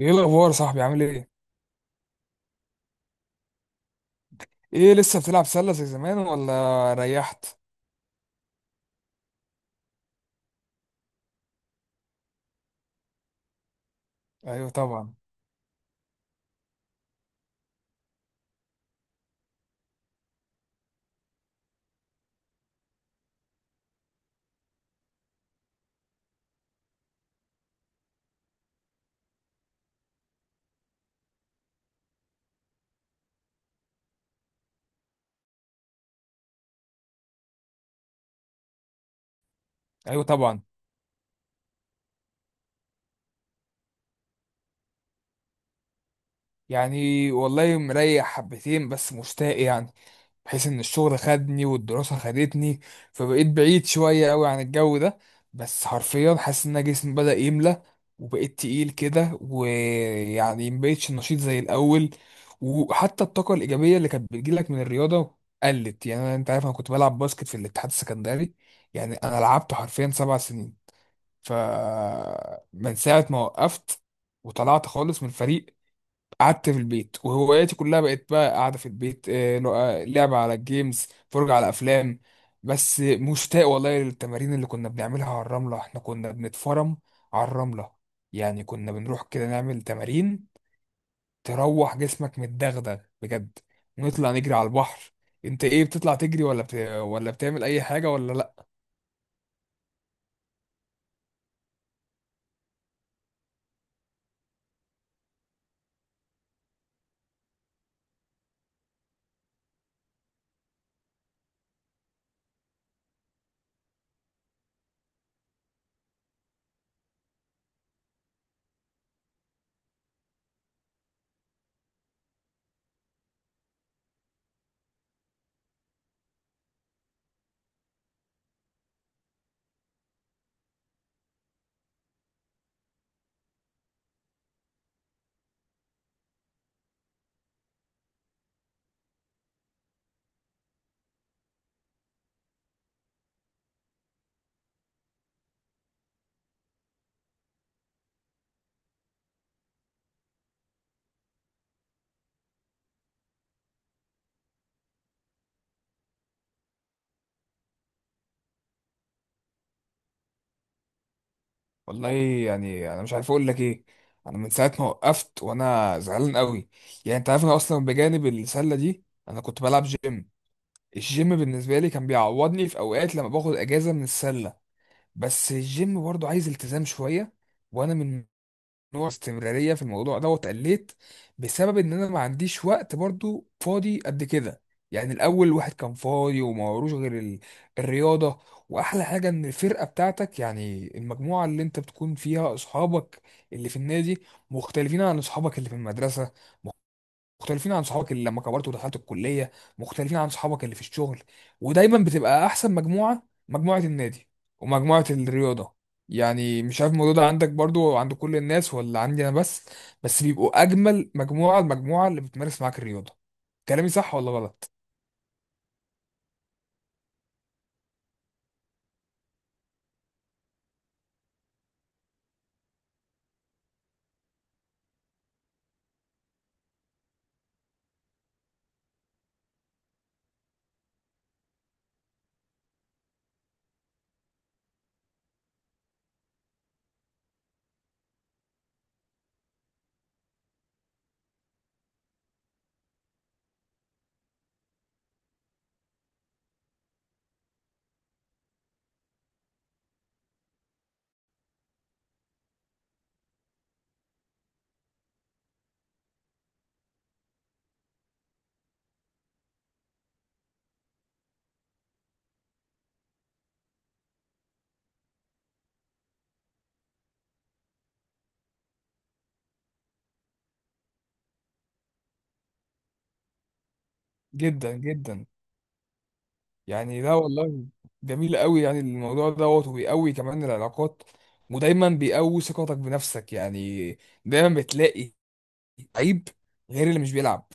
ايه الاخبار يا صاحبي؟ عامل ايه؟ ايه لسه بتلعب سله زي زمان ولا ريحت؟ ايوه طبعا. ايوه طبعا. يعني والله مريح حبتين بس مشتاق، يعني بحيث ان الشغل خدني والدراسة خدتني، فبقيت بعيد شوية قوي عن الجو ده. بس حرفيا حاسس ان أنا جسمي بدأ يملى وبقيت تقيل كده، ويعني مبقتش نشيط زي الاول. وحتى الطاقة الإيجابية اللي كانت بتجيلك من الرياضة قلت. يعني أنا، أنت عارف، أنا كنت بلعب باسكت في الاتحاد السكندري، يعني أنا لعبت حرفيا 7 سنين. ف من ساعة ما وقفت وطلعت خالص من الفريق، قعدت في البيت وهواياتي كلها بقت بقى قاعدة في البيت. لعبة على الجيمز، فرجة على أفلام. بس مشتاق والله للتمارين اللي كنا بنعملها على الرملة. احنا كنا بنتفرم على الرملة. يعني كنا بنروح كده نعمل تمارين تروح جسمك متدغدغ بجد، ونطلع نجري على البحر. انت ايه، بتطلع تجري ولا بتعمل اي حاجة ولا لا؟ والله يعني انا مش عارف اقول لك ايه. انا من ساعة ما وقفت وانا زعلان قوي. يعني انت عارف انا اصلا بجانب السلة دي انا كنت بلعب جيم. الجيم بالنسبة لي كان بيعوضني في أوقات لما باخد أجازة من السلة. بس الجيم برضو عايز التزام شوية، وأنا من نوع استمرارية في الموضوع ده واتقليت بسبب إن أنا ما عنديش وقت برضو فاضي قد كده. يعني الأول الواحد كان فاضي وما وروش غير الرياضة. وأحلى حاجة إن الفرقة بتاعتك، يعني المجموعة اللي أنت بتكون فيها أصحابك اللي في النادي، مختلفين عن أصحابك اللي في المدرسة، مختلفين عن صحابك اللي لما كبرت ودخلت الكلية، مختلفين عن صحابك اللي في الشغل. ودايما بتبقى أحسن مجموعة، مجموعة النادي ومجموعة الرياضة. يعني مش عارف الموضوع ده عندك برضو، عند كل الناس، ولا عندي أنا بس، بس بيبقوا أجمل مجموعة المجموعة اللي بتمارس معاك الرياضة. كلامي صح ولا غلط؟ جدا جدا. يعني لا والله، جميل قوي. يعني الموضوع دوت وبيقوي كمان العلاقات، ودايما بيقوي ثقتك بنفسك. يعني دايما بتلاقي لعيب غير اللي مش بيلعب،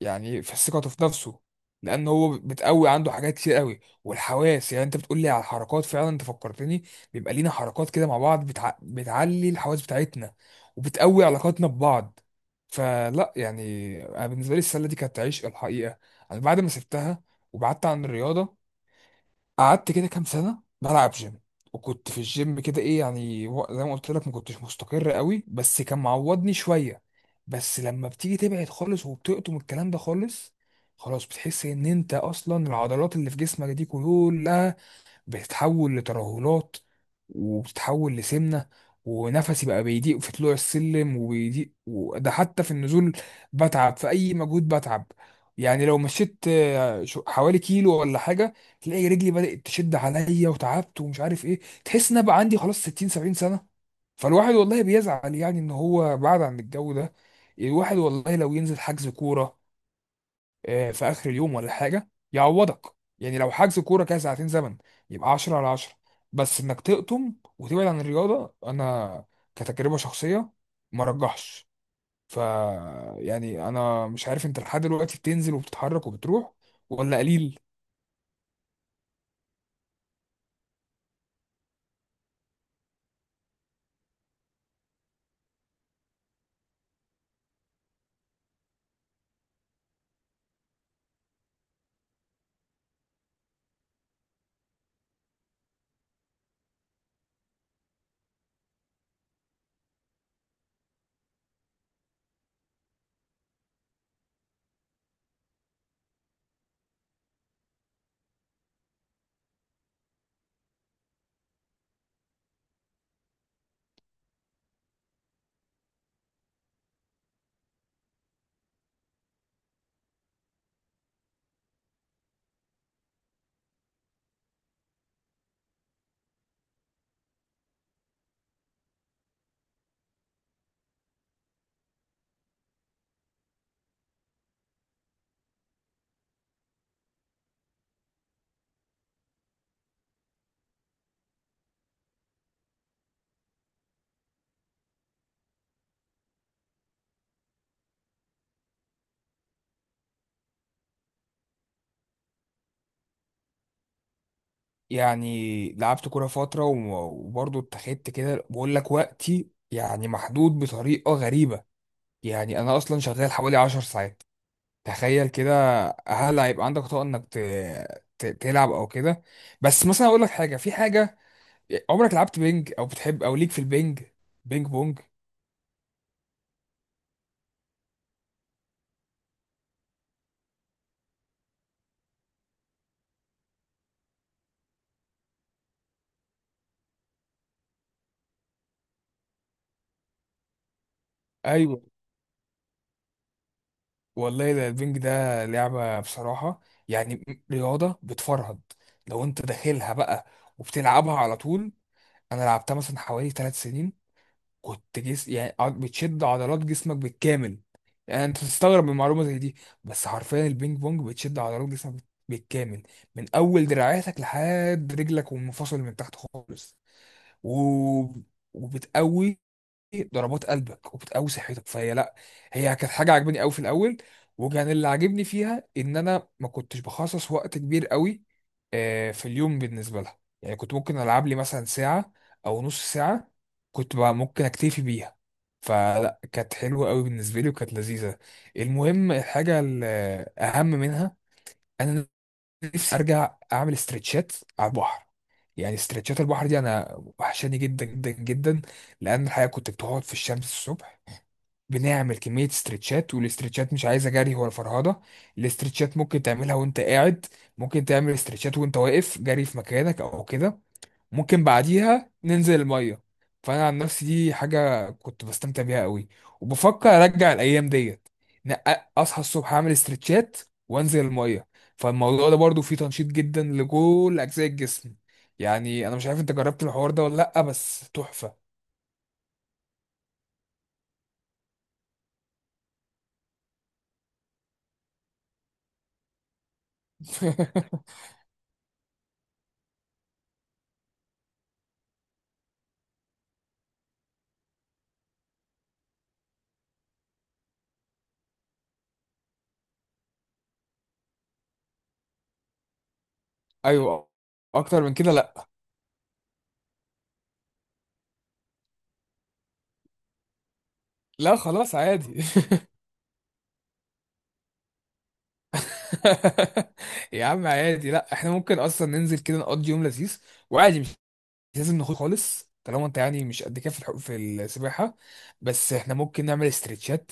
يعني في ثقته في نفسه، لان هو بتقوي عنده حاجات كتير قوي. والحواس، يعني انت بتقول لي على الحركات، فعلا انت فكرتني. بيبقى لينا حركات كده مع بعض بتعلي الحواس بتاعتنا وبتقوي علاقاتنا ببعض. فلا يعني، انا بالنسبه لي السله دي كانت عشق الحقيقه. انا بعد ما سبتها وبعدت عن الرياضه، قعدت كده كام سنة بلعب جيم. وكنت في الجيم كده ايه، يعني زي ما قلت لك، ما كنتش مستقر قوي بس كان معوضني شوية. بس لما بتيجي تبعد خالص وبتقطم الكلام ده خالص، خلاص بتحس ان انت اصلا العضلات اللي في جسمك دي كلها بتتحول لترهلات وبتتحول لسمنة. ونفسي بقى بيضيق في طلوع السلم وبيضيق وده حتى في النزول. بتعب في أي مجهود بتعب. يعني لو مشيت حوالي كيلو ولا حاجة، تلاقي رجلي بدأت تشد عليا وتعبت ومش عارف ايه. تحس ان أنا بقى عندي خلاص 60 70 سنة. فالواحد والله بيزعل يعني ان هو بعد عن الجو ده. الواحد والله لو ينزل حجز كورة في اخر اليوم ولا حاجه يعوضك، يعني لو حجز كوره كده ساعتين زمن، يبقى 10 على 10. بس انك تقطم وتبعد عن الرياضه، انا كتجربه شخصيه ما رجحش. ف يعني انا مش عارف، انت لحد دلوقتي بتنزل وبتتحرك وبتروح ولا قليل؟ يعني لعبت كوره فتره وبرضه اتخذت كده بقول لك، وقتي يعني محدود بطريقه غريبه. يعني انا اصلا شغال حوالي 10 ساعات، تخيل كده. هل هيبقى عندك طاقة انك تلعب او كده؟ بس مثلا اقول لك حاجة في حاجة، عمرك لعبت بينج او بتحب او ليك في البينج؟ بينج بونج؟ ايوه والله، ده البينج ده لعبة بصراحة، يعني رياضة بتفرهد لو انت داخلها بقى وبتلعبها على طول. انا لعبتها مثلا حوالي 3 سنين. كنت بتشد عضلات جسمك بالكامل. يعني انت تستغرب من معلومه زي دي، بس حرفيا البينج بونج بتشد عضلات جسمك بالكامل من اول دراعاتك لحد رجلك والمفاصل من تحت خالص و... وبتقوي ضربات قلبك وبتقوي صحتك. فهي لا، هي كانت حاجه عجباني قوي في الاول. وكان اللي عاجبني فيها ان انا ما كنتش بخصص وقت كبير قوي في اليوم بالنسبه لها. يعني كنت ممكن العب لي مثلا ساعه او نص ساعه، كنت بقى ممكن اكتفي بيها. فلا كانت حلوه قوي بالنسبه لي وكانت لذيذه. المهم الحاجه الاهم منها، انا نفسي ارجع اعمل استرتشات على البحر. يعني استرتشات البحر دي انا وحشاني جدا جدا جدا، لان الحقيقه كنت بتقعد في الشمس الصبح، بنعمل كميه استرتشات. والاسترتشات مش عايزه جري ولا فرهده، الاسترتشات ممكن تعملها وانت قاعد، ممكن تعمل استرتشات وانت واقف جري في مكانك او كده، ممكن بعديها ننزل المية. فأنا عن نفسي دي حاجة كنت بستمتع بيها قوي، وبفكر أرجع الأيام ديت. إن أصحى الصبح أعمل استرتشات وأنزل المية. فالموضوع ده برضو فيه تنشيط جدا لكل أجزاء الجسم. يعني أنا مش عارف أنت جربت الحوار ده ولا لأ، بس تحفة. أيوه، أكتر من كده لأ. لا خلاص عادي. يا عم عادي لأ، إحنا ممكن أصلا ننزل كده نقضي يوم لذيذ وعادي. لازم نخوض خالص طالما انت يعني مش قد كده في في السباحه. بس احنا ممكن نعمل استرتشات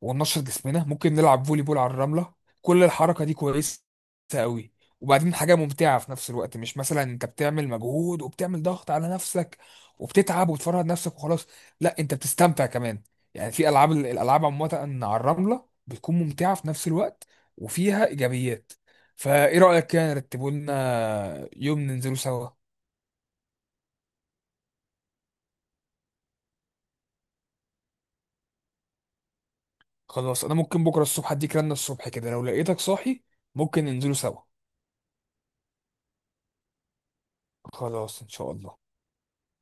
وننشط جسمنا، ممكن نلعب فولي بول على الرمله. كل الحركه دي كويسه قوي، وبعدين حاجه ممتعه في نفس الوقت. مش مثلا انت بتعمل مجهود وبتعمل ضغط على نفسك وبتتعب وتفرهد نفسك وخلاص، لا انت بتستمتع كمان. يعني في العاب، الالعاب عامه على الرمله بتكون ممتعه في نفس الوقت وفيها ايجابيات. فايه رايك كده نرتبه لنا يوم ننزله سوا؟ خلاص انا ممكن بكره الصبح اديك رنه الصبح كده لو لقيتك صاحي، ممكن ننزلوا سوا. خلاص ان شاء الله.